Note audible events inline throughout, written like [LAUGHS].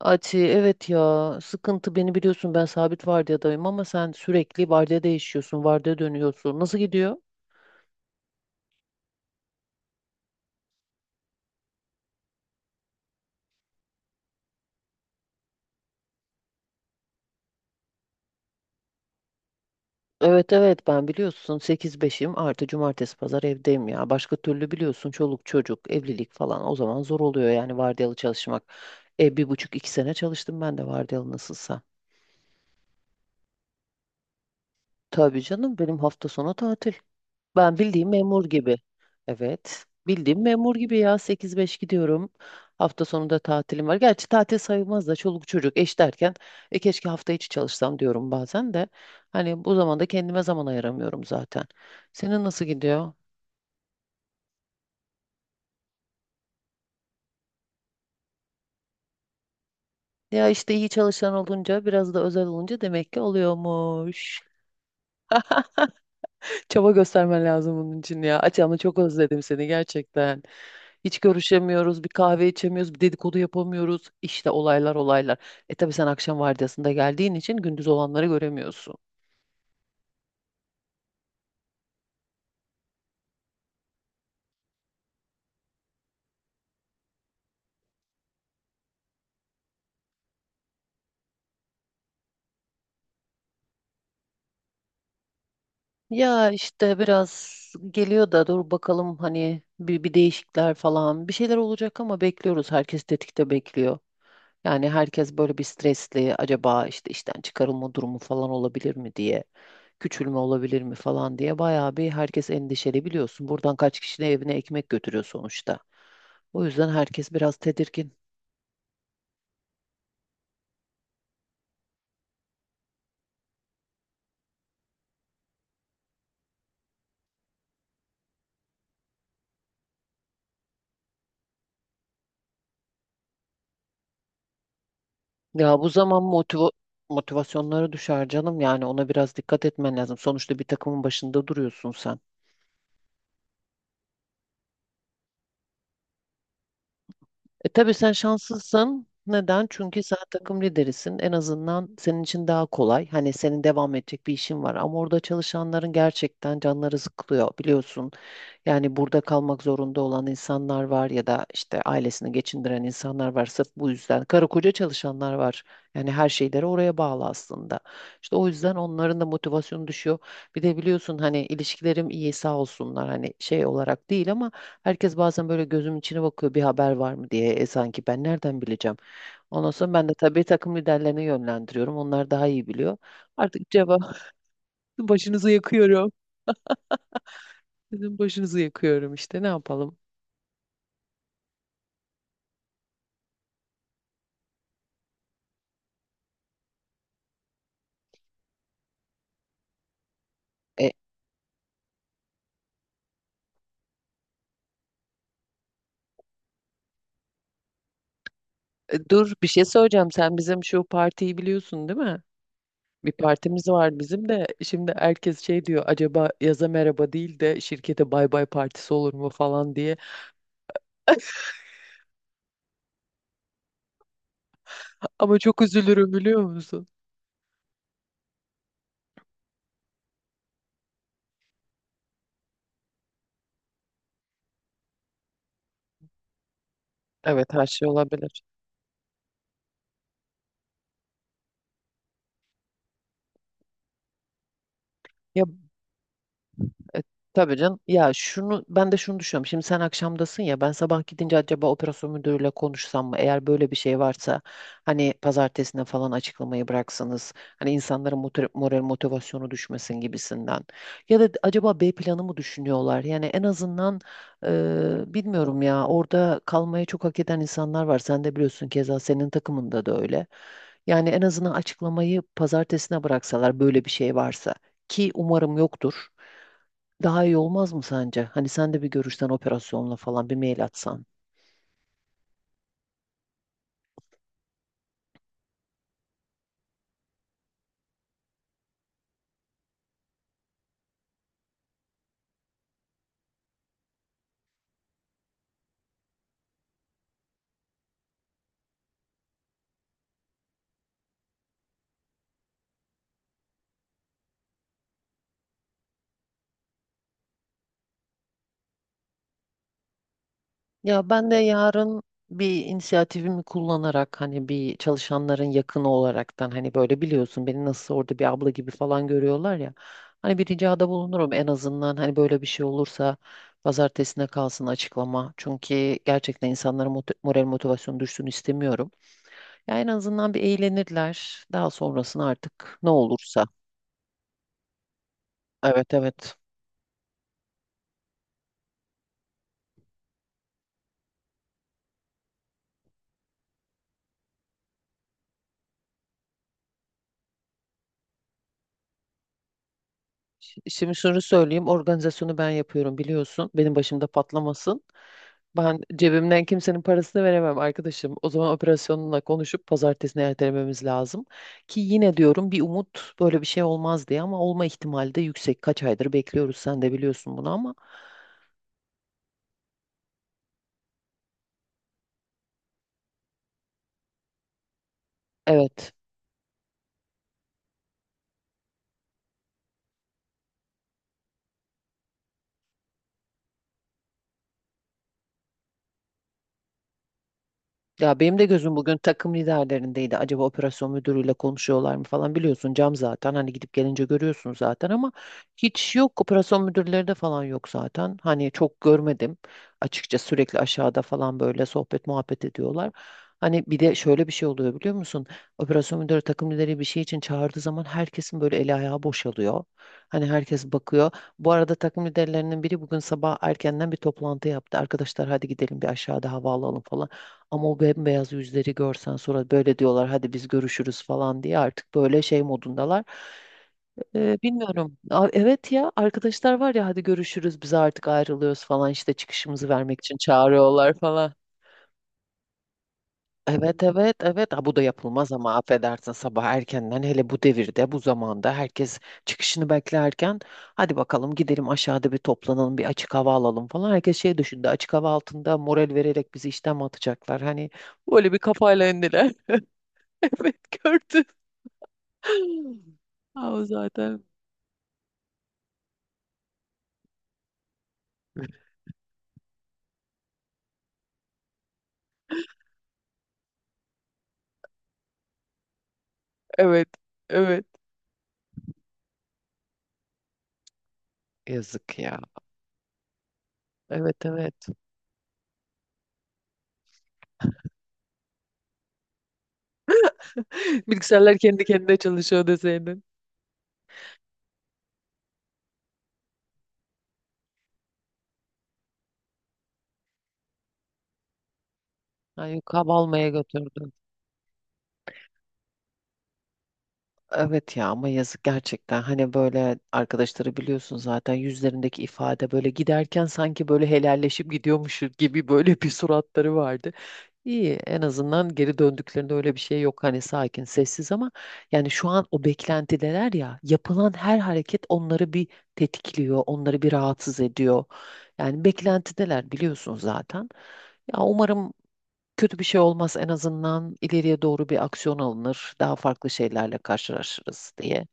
Ati, evet ya, sıkıntı. Beni biliyorsun, ben sabit vardiyadayım ama sen sürekli vardiya değişiyorsun, vardiya dönüyorsun. Nasıl gidiyor? Evet, evet, ben biliyorsun 8-5'im, artı cumartesi pazar evdeyim ya. Başka türlü biliyorsun, çoluk çocuk, evlilik falan, o zaman zor oluyor yani vardiyalı çalışmak. 1,5-2 sene çalıştım ben de vardiyalı nasılsa. Tabii canım, benim hafta sonu tatil. Ben bildiğim memur gibi. Evet. Bildiğim memur gibi ya, 8-5 gidiyorum. Hafta sonu da tatilim var. Gerçi tatil sayılmaz da, çoluk çocuk, eş derken keşke hafta içi çalışsam diyorum bazen de. Hani bu zamanda kendime zaman ayıramıyorum zaten. Senin nasıl gidiyor? Ya işte, iyi çalışan olunca, biraz da özel olunca demek ki oluyormuş. [LAUGHS] Çaba göstermen lazım bunun için ya. Aç ama çok özledim seni gerçekten. Hiç görüşemiyoruz, bir kahve içemiyoruz, bir dedikodu yapamıyoruz. İşte olaylar olaylar. E tabii, sen akşam vardiyasında geldiğin için gündüz olanları göremiyorsun. Ya işte biraz geliyor da, dur bakalım, hani bir değişikler falan bir şeyler olacak ama bekliyoruz. Herkes tetikte bekliyor. Yani herkes böyle bir stresli, acaba işte işten çıkarılma durumu falan olabilir mi diye. Küçülme olabilir mi falan diye bayağı bir herkes endişeli, biliyorsun. Buradan kaç kişinin evine ekmek götürüyor sonuçta. O yüzden herkes biraz tedirgin. Ya bu zaman motivasyonları düşer canım, yani ona biraz dikkat etmen lazım. Sonuçta bir takımın başında duruyorsun sen. Tabii sen şanslısın. Neden? Çünkü sen takım liderisin. En azından senin için daha kolay. Hani senin devam edecek bir işin var. Ama orada çalışanların gerçekten canları sıkılıyor, biliyorsun. Yani burada kalmak zorunda olan insanlar var ya da işte ailesini geçindiren insanlar var. Sırf bu yüzden. Karı koca çalışanlar var. Yani her şeyleri oraya bağlı aslında. İşte o yüzden onların da motivasyonu düşüyor. Bir de biliyorsun hani, ilişkilerim iyi sağ olsunlar, hani şey olarak değil ama herkes bazen böyle gözüm içine bakıyor, bir haber var mı diye. Sanki ben nereden bileceğim. Ondan sonra ben de tabii takım liderlerine yönlendiriyorum. Onlar daha iyi biliyor. Artık cevap [LAUGHS] başınızı yakıyorum. Sizin başınızı yakıyorum işte, ne yapalım. E, dur bir şey söyleyeceğim, sen bizim şu partiyi biliyorsun değil mi? Bir partimiz var bizim de, şimdi herkes şey diyor, acaba yaza merhaba değil de şirkete bay bay partisi olur mu falan diye. Ama çok üzülürüm biliyor musun? Evet, her şey olabilir. Ya, E, tabii canım. Ya şunu ben de şunu düşünüyorum. Şimdi sen akşamdasın ya, ben sabah gidince acaba operasyon müdürüyle konuşsam mı? Eğer böyle bir şey varsa hani pazartesine falan açıklamayı bıraksanız, hani insanların moral motivasyonu düşmesin gibisinden. Ya da acaba B planı mı düşünüyorlar? Yani en azından, bilmiyorum ya, orada kalmayı çok hak eden insanlar var. Sen de biliyorsun, keza senin takımında da öyle. Yani en azından açıklamayı pazartesine bıraksalar, böyle bir şey varsa, ki umarım yoktur. Daha iyi olmaz mı sence? Hani sen de bir görüşten, operasyonla falan bir mail atsan. Ya ben de yarın bir inisiyatifimi kullanarak, hani bir çalışanların yakını olaraktan, hani böyle biliyorsun, beni nasıl orada bir abla gibi falan görüyorlar ya. Hani bir ricada bulunurum en azından, hani böyle bir şey olursa pazartesine kalsın açıklama. Çünkü gerçekten insanların moral motivasyonu düşsün istemiyorum. Ya en azından bir eğlenirler. Daha sonrasını artık ne olursa. Evet, evet. Şimdi şunu söyleyeyim. Organizasyonu ben yapıyorum biliyorsun. Benim başımda patlamasın. Ben cebimden kimsenin parasını veremem arkadaşım. O zaman operasyonla konuşup pazartesine ertelememiz lazım. Ki yine diyorum, bir umut böyle bir şey olmaz diye, ama olma ihtimali de yüksek. Kaç aydır bekliyoruz, sen de biliyorsun bunu ama. Evet. Ya benim de gözüm bugün takım liderlerindeydi. Acaba operasyon müdürüyle konuşuyorlar mı falan, biliyorsun cam zaten. Hani gidip gelince görüyorsun zaten ama hiç yok. Operasyon müdürleri de falan yok zaten. Hani çok görmedim. Açıkça sürekli aşağıda falan böyle sohbet muhabbet ediyorlar. Hani bir de şöyle bir şey oluyor biliyor musun? Operasyon müdürü takım lideri bir şey için çağırdığı zaman herkesin böyle eli ayağı boşalıyor. Hani herkes bakıyor. Bu arada takım liderlerinin biri bugün sabah erkenden bir toplantı yaptı. Arkadaşlar hadi gidelim, bir aşağıda hava alalım falan. Ama o bembeyaz yüzleri görsen, sonra böyle diyorlar hadi biz görüşürüz falan diye, artık böyle şey modundalar. Bilmiyorum. Evet ya, arkadaşlar var ya, hadi görüşürüz biz artık ayrılıyoruz falan, işte çıkışımızı vermek için çağırıyorlar falan. Evet, evet, evet. Ha, bu da yapılmaz ama affedersin, sabah erkenden, hele bu devirde, bu zamanda herkes çıkışını beklerken, hadi bakalım gidelim aşağıda bir toplanalım, bir açık hava alalım falan, herkes şey düşündü, açık hava altında moral vererek bizi işten mi atacaklar hani. Böyle bir kafayla indiler. [LAUGHS] [LAUGHS] Evet, gördüm. Ha, o zaten. Evet. Evet. Yazık ya. Evet, evet. [LAUGHS] Bilgisayarlar kendi kendine çalışıyor deseydin. Ay, yok, hava almaya götürdüm. Evet ya, ama yazık gerçekten. Hani böyle arkadaşları biliyorsun zaten, yüzlerindeki ifade böyle giderken sanki böyle helalleşip gidiyormuş gibi, böyle bir suratları vardı. İyi, en azından geri döndüklerinde öyle bir şey yok, hani sakin sessiz, ama yani şu an o beklentideler ya, yapılan her hareket onları bir tetikliyor, onları bir rahatsız ediyor. Yani beklentideler, biliyorsun zaten. Ya umarım kötü bir şey olmaz, en azından ileriye doğru bir aksiyon alınır, daha farklı şeylerle karşılaşırız diye.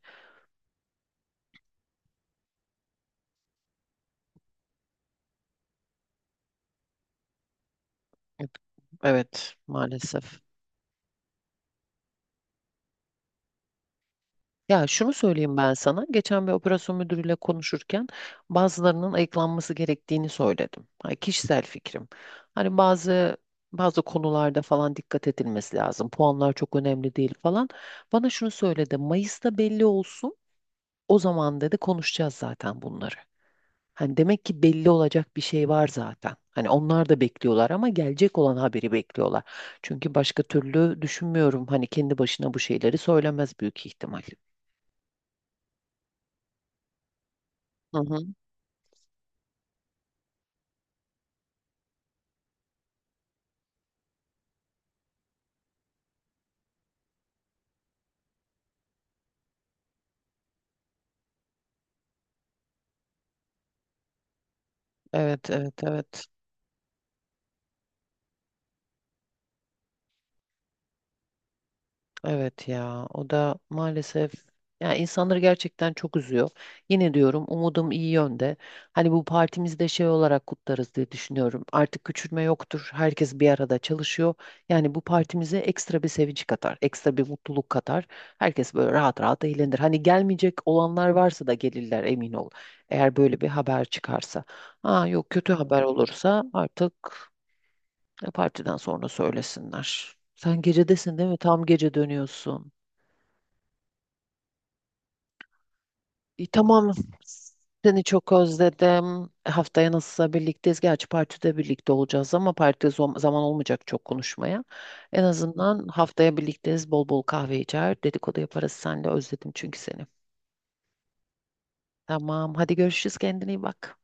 Evet, maalesef. Ya şunu söyleyeyim ben sana. Geçen bir operasyon müdürüyle konuşurken bazılarının ayıklanması gerektiğini söyledim. Hani kişisel fikrim. Hani bazı bazı konularda falan dikkat edilmesi lazım. Puanlar çok önemli değil falan. Bana şunu söyledi. Mayıs'ta belli olsun. O zaman dedi, konuşacağız zaten bunları. Hani demek ki belli olacak bir şey var zaten. Hani onlar da bekliyorlar, ama gelecek olan haberi bekliyorlar. Çünkü başka türlü düşünmüyorum. Hani kendi başına bu şeyleri söylemez büyük ihtimal. Hı hı. Evet, evet, evet. Evet ya. O da maalesef, ya insanları gerçekten çok üzüyor. Yine diyorum, umudum iyi yönde. Hani bu partimizde şey olarak kutlarız diye düşünüyorum. Artık küçülme yoktur. Herkes bir arada çalışıyor. Yani bu partimize ekstra bir sevinç katar, ekstra bir mutluluk katar. Herkes böyle rahat rahat eğlenir. Hani gelmeyecek olanlar varsa da gelirler, emin ol. Eğer böyle bir haber çıkarsa. Ha yok, kötü haber olursa artık ya partiden sonra söylesinler. Sen gecedesin değil mi? Tam gece dönüyorsun. İyi, tamam. Seni çok özledim. Haftaya nasılsa birlikteyiz. Gerçi partide birlikte olacağız ama partide zaman olmayacak çok konuşmaya. En azından haftaya birlikteyiz. Bol bol kahve içer, dedikodu yaparız seninle. Özledim çünkü seni. Tamam. Hadi görüşürüz. Kendine iyi bak.